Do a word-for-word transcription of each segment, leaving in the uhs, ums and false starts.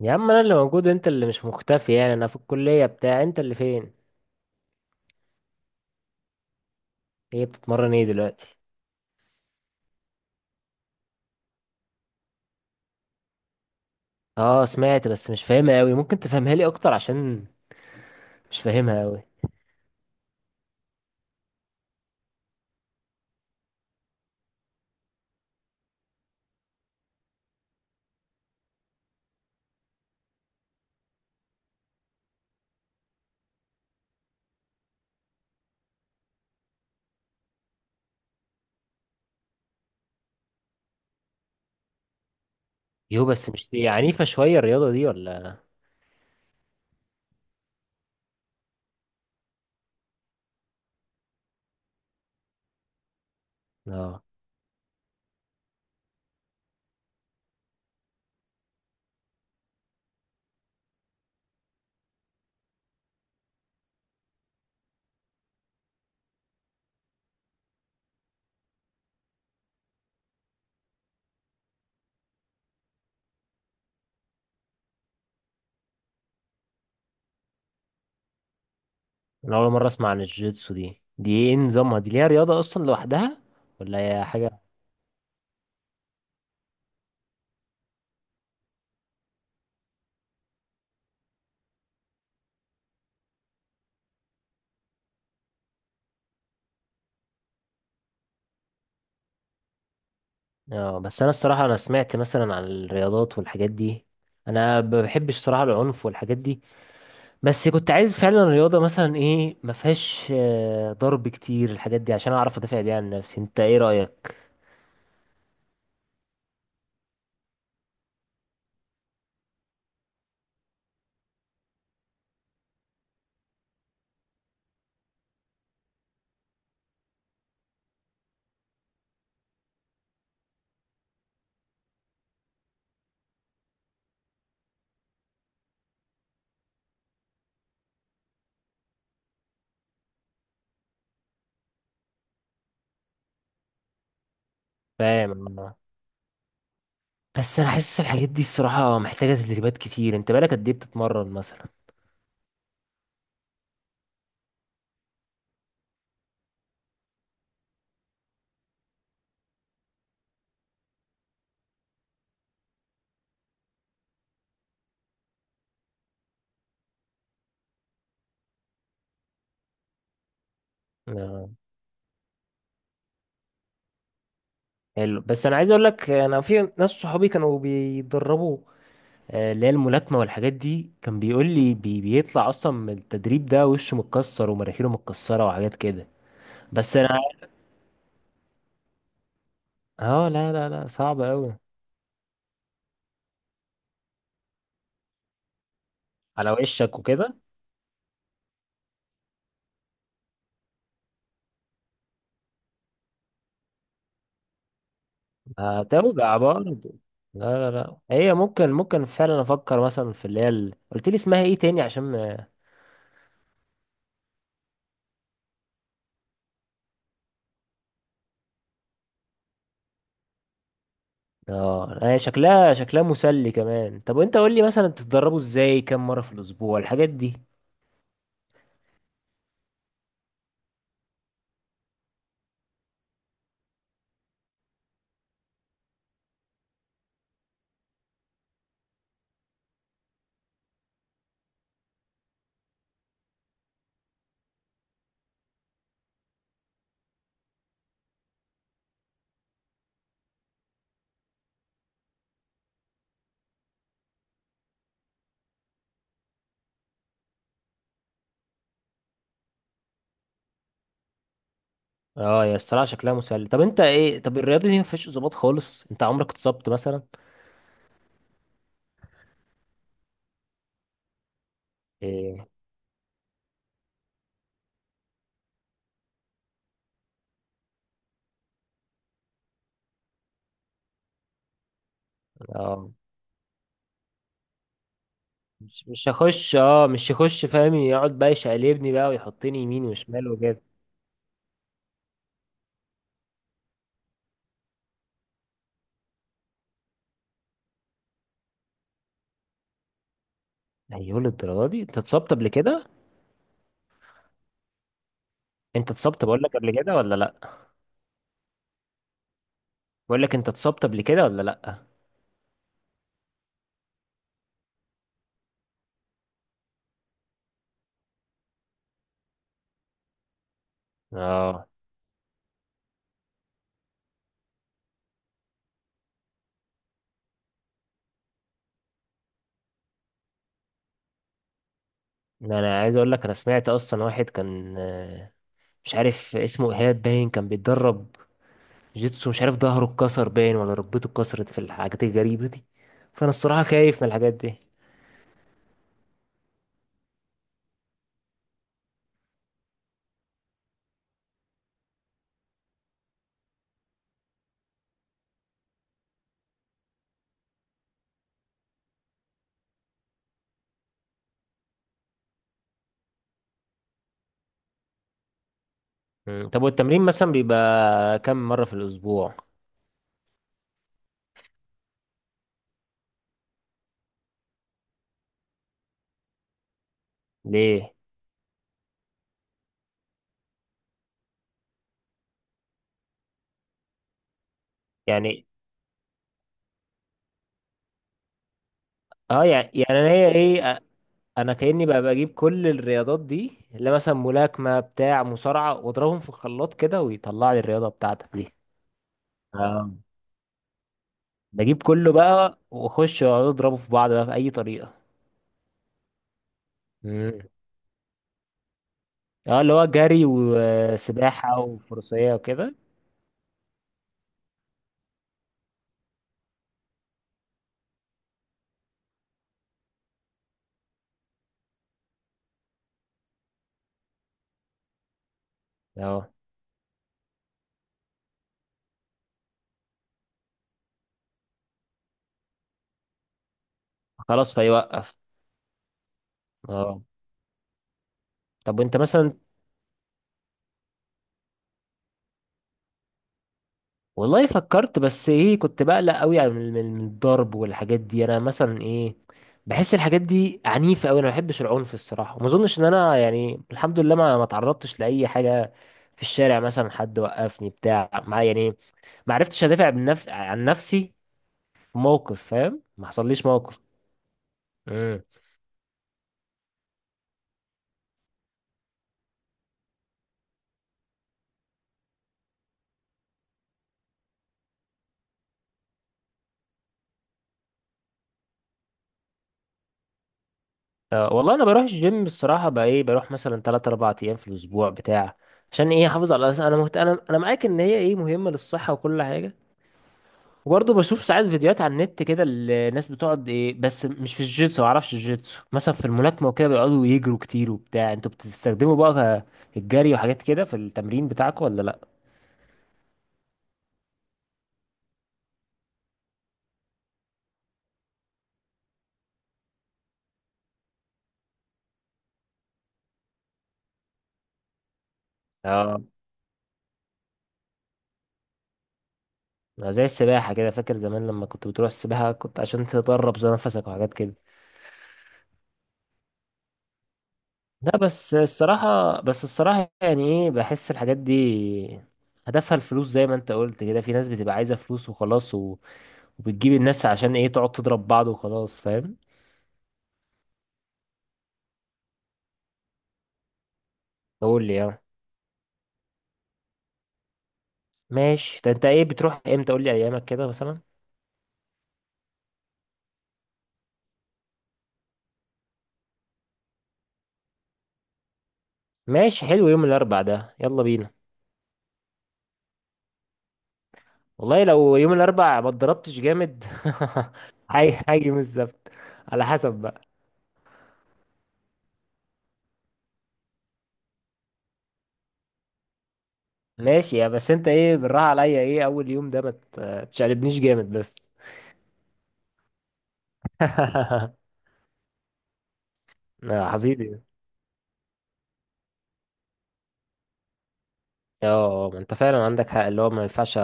يا عم، انا اللي موجود، انت اللي مش مختفي يعني. انا في الكلية، بتاع انت اللي فين؟ هي بتتمرن ايه دلوقتي؟ اه سمعت، بس مش فاهمها قوي. ممكن تفهمها لي اكتر عشان مش فاهمها قوي؟ يو، بس مش دي عنيفة شوية الرياضة دي ولا؟ اه، انا اول مرة اسمع عن الجيتسو دي. دي ايه نظامها؟ دي ليها رياضة اصلا لوحدها ولا هي حاجة؟ اه، بس انا الصراحة انا سمعت مثلا عن الرياضات والحاجات دي. انا ما بحبش الصراحة العنف والحاجات دي. بس كنت عايز فعلا رياضة مثلا ايه ما فيهاش آه، ضرب كتير الحاجات دي عشان اعرف ادافع بيها عن نفسي. انت ايه رأيك؟ فاهم. بس انا حاسس الحاجات دي الصراحة محتاجة تدريبات كتير. انت بالك قد ايه بتتمرن مثلا؟ آه، حلو. بس انا عايز اقول لك، انا في ناس صحابي كانوا بيتدربوا آه، اللي هي الملاكمة والحاجات دي. كان بيقول لي بي بيطلع اصلا من التدريب ده وشه متكسر ومراخيره متكسرة وحاجات كده. بس انا اه، لا لا لا، صعب قوي. على وشك وكده. هتوجع برضه. لا لا لا، هي ممكن ممكن فعلا افكر مثلا في اللي هي ال- قلت لي اسمها ايه تاني عشان ما- اه، هي شكلها شكلها مسلي كمان. طب وانت قول لي مثلا بتتدربوا ازاي؟ كم مره في الاسبوع الحاجات دي؟ اه يا الصراحه شكلها مسلي. طب انت ايه؟ طب الرياضه دي ما فيهاش اصابات خالص؟ انت عمرك اتصبت مثلا؟ ايه؟ اه، مش مش هخش، اه مش هخش فاهم. يقعد بقى يشقلبني بقى، ويحطني يمين وشمال وكده. ايوه، للدرجه دي؟ انت اتصبت قبل كده؟ انت اتصبت، بقول لك، قبل كده ولا لا؟ بقول لك انت اتصبت قبل كده ولا لا؟ اه ده انا عايز اقول لك، انا سمعت اصلا واحد كان آه، مش عارف اسمه ايهاب باين، كان بيتدرب جيتسو. مش عارف ظهره اتكسر باين ولا ركبته اتكسرت في الحاجات الغريبة دي. فانا الصراحة خايف من الحاجات دي. مم. طب والتمرين مثلا بيبقى كم مرة في الاسبوع؟ ليه يعني؟ اه، يعني يعني انا هي ايه أ- انا كأني بقى بجيب كل الرياضات دي اللي مثلا ملاكمة بتاع مصارعة، واضربهم في الخلاط كده ويطلع لي الرياضة بتاعتك دي؟ بجيب كله بقى واخش واقعد اضربه في بعض بقى باي طريقه. مم. اه، اللي هو جري وسباحه وفروسيه وكده. اه، خلاص فيوقف. اه، طب وانت مثلا؟ والله فكرت، بس ايه كنت بقلق قوي على من من- من الضرب والحاجات دي. انا مثلا ايه، بحس الحاجات دي عنيفه قوي. انا ما بحبش العنف الصراحه، وما اظنش ان انا يعني الحمد لله ما ما تعرضتش لاي حاجه في الشارع مثلا. حد وقفني بتاع ما يعني، ما عرفتش ادافع عن نفسي عن نفسي. موقف فاهم، ما حصليش موقف. امم. أه، والله انا بروح الجيم الصراحه بقى ايه، بروح مثلا ثلاث اربع ايام في الاسبوع بتاع عشان ايه احافظ على الأس- انا مهت... انا انا معاك ان هي ايه مهمه للصحه وكل حاجه. وبرضه بشوف ساعات فيديوهات على النت كده الناس بتقعد ايه، بس مش في الجيتسو، ما اعرفش الجيتسو. مثلا في الملاكمه وكده بيقعدوا يجروا كتير وبتاع. انتوا بتستخدموا بقى ك- الجري وحاجات كده في التمرين بتاعكم ولا لا؟ اه، زي السباحه كده، فاكر زمان لما كنت بتروح السباحه كنت عشان تدرب زي نفسك وحاجات كده. لا، بس الصراحة بس الصراحة يعني ايه، بحس الحاجات دي هدفها الفلوس زي ما انت قلت كده. في ناس بتبقى عايزة فلوس وخلاص و... وبتجيب الناس عشان ايه تقعد تضرب بعض وخلاص فاهم. قول لي يعني. ماشي، ده انت ايه بتروح امتى؟ قول لي ايامك كده مثلا. ماشي، حلو يوم الاربع ده، يلا بينا. والله لو يوم الاربع ما اتضربتش جامد. هاي، هاجي يوم السبت، على حسب بقى. ماشي يا، بس انت ايه بالراحة عليا، ايه اول يوم ده ما ت- تشقلبنيش جامد بس. يا حبيبي. اه، ما انت فعلا عندك حق، اللي هو ما ينفعش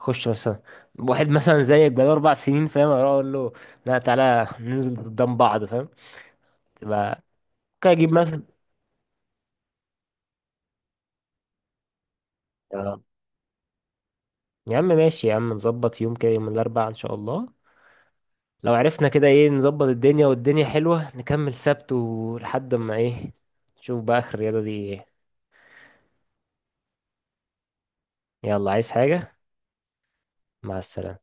اخش مثلا واحد مثلا زيك بقاله اربع سنين فاهم، اروح اقول له لا، تعالى ننزل قدام بعض فاهم. تبقى ممكن اجيب مثلا. اه. يا عم ماشي يا عم، نظبط يوم كده، يوم الاربعاء ان شاء الله. لو عرفنا كده ايه نظبط الدنيا والدنيا حلوة نكمل سبت، ولحد ما ايه نشوف بقى اخر الرياضة دي ايه. يلا، عايز حاجة؟ مع السلامة.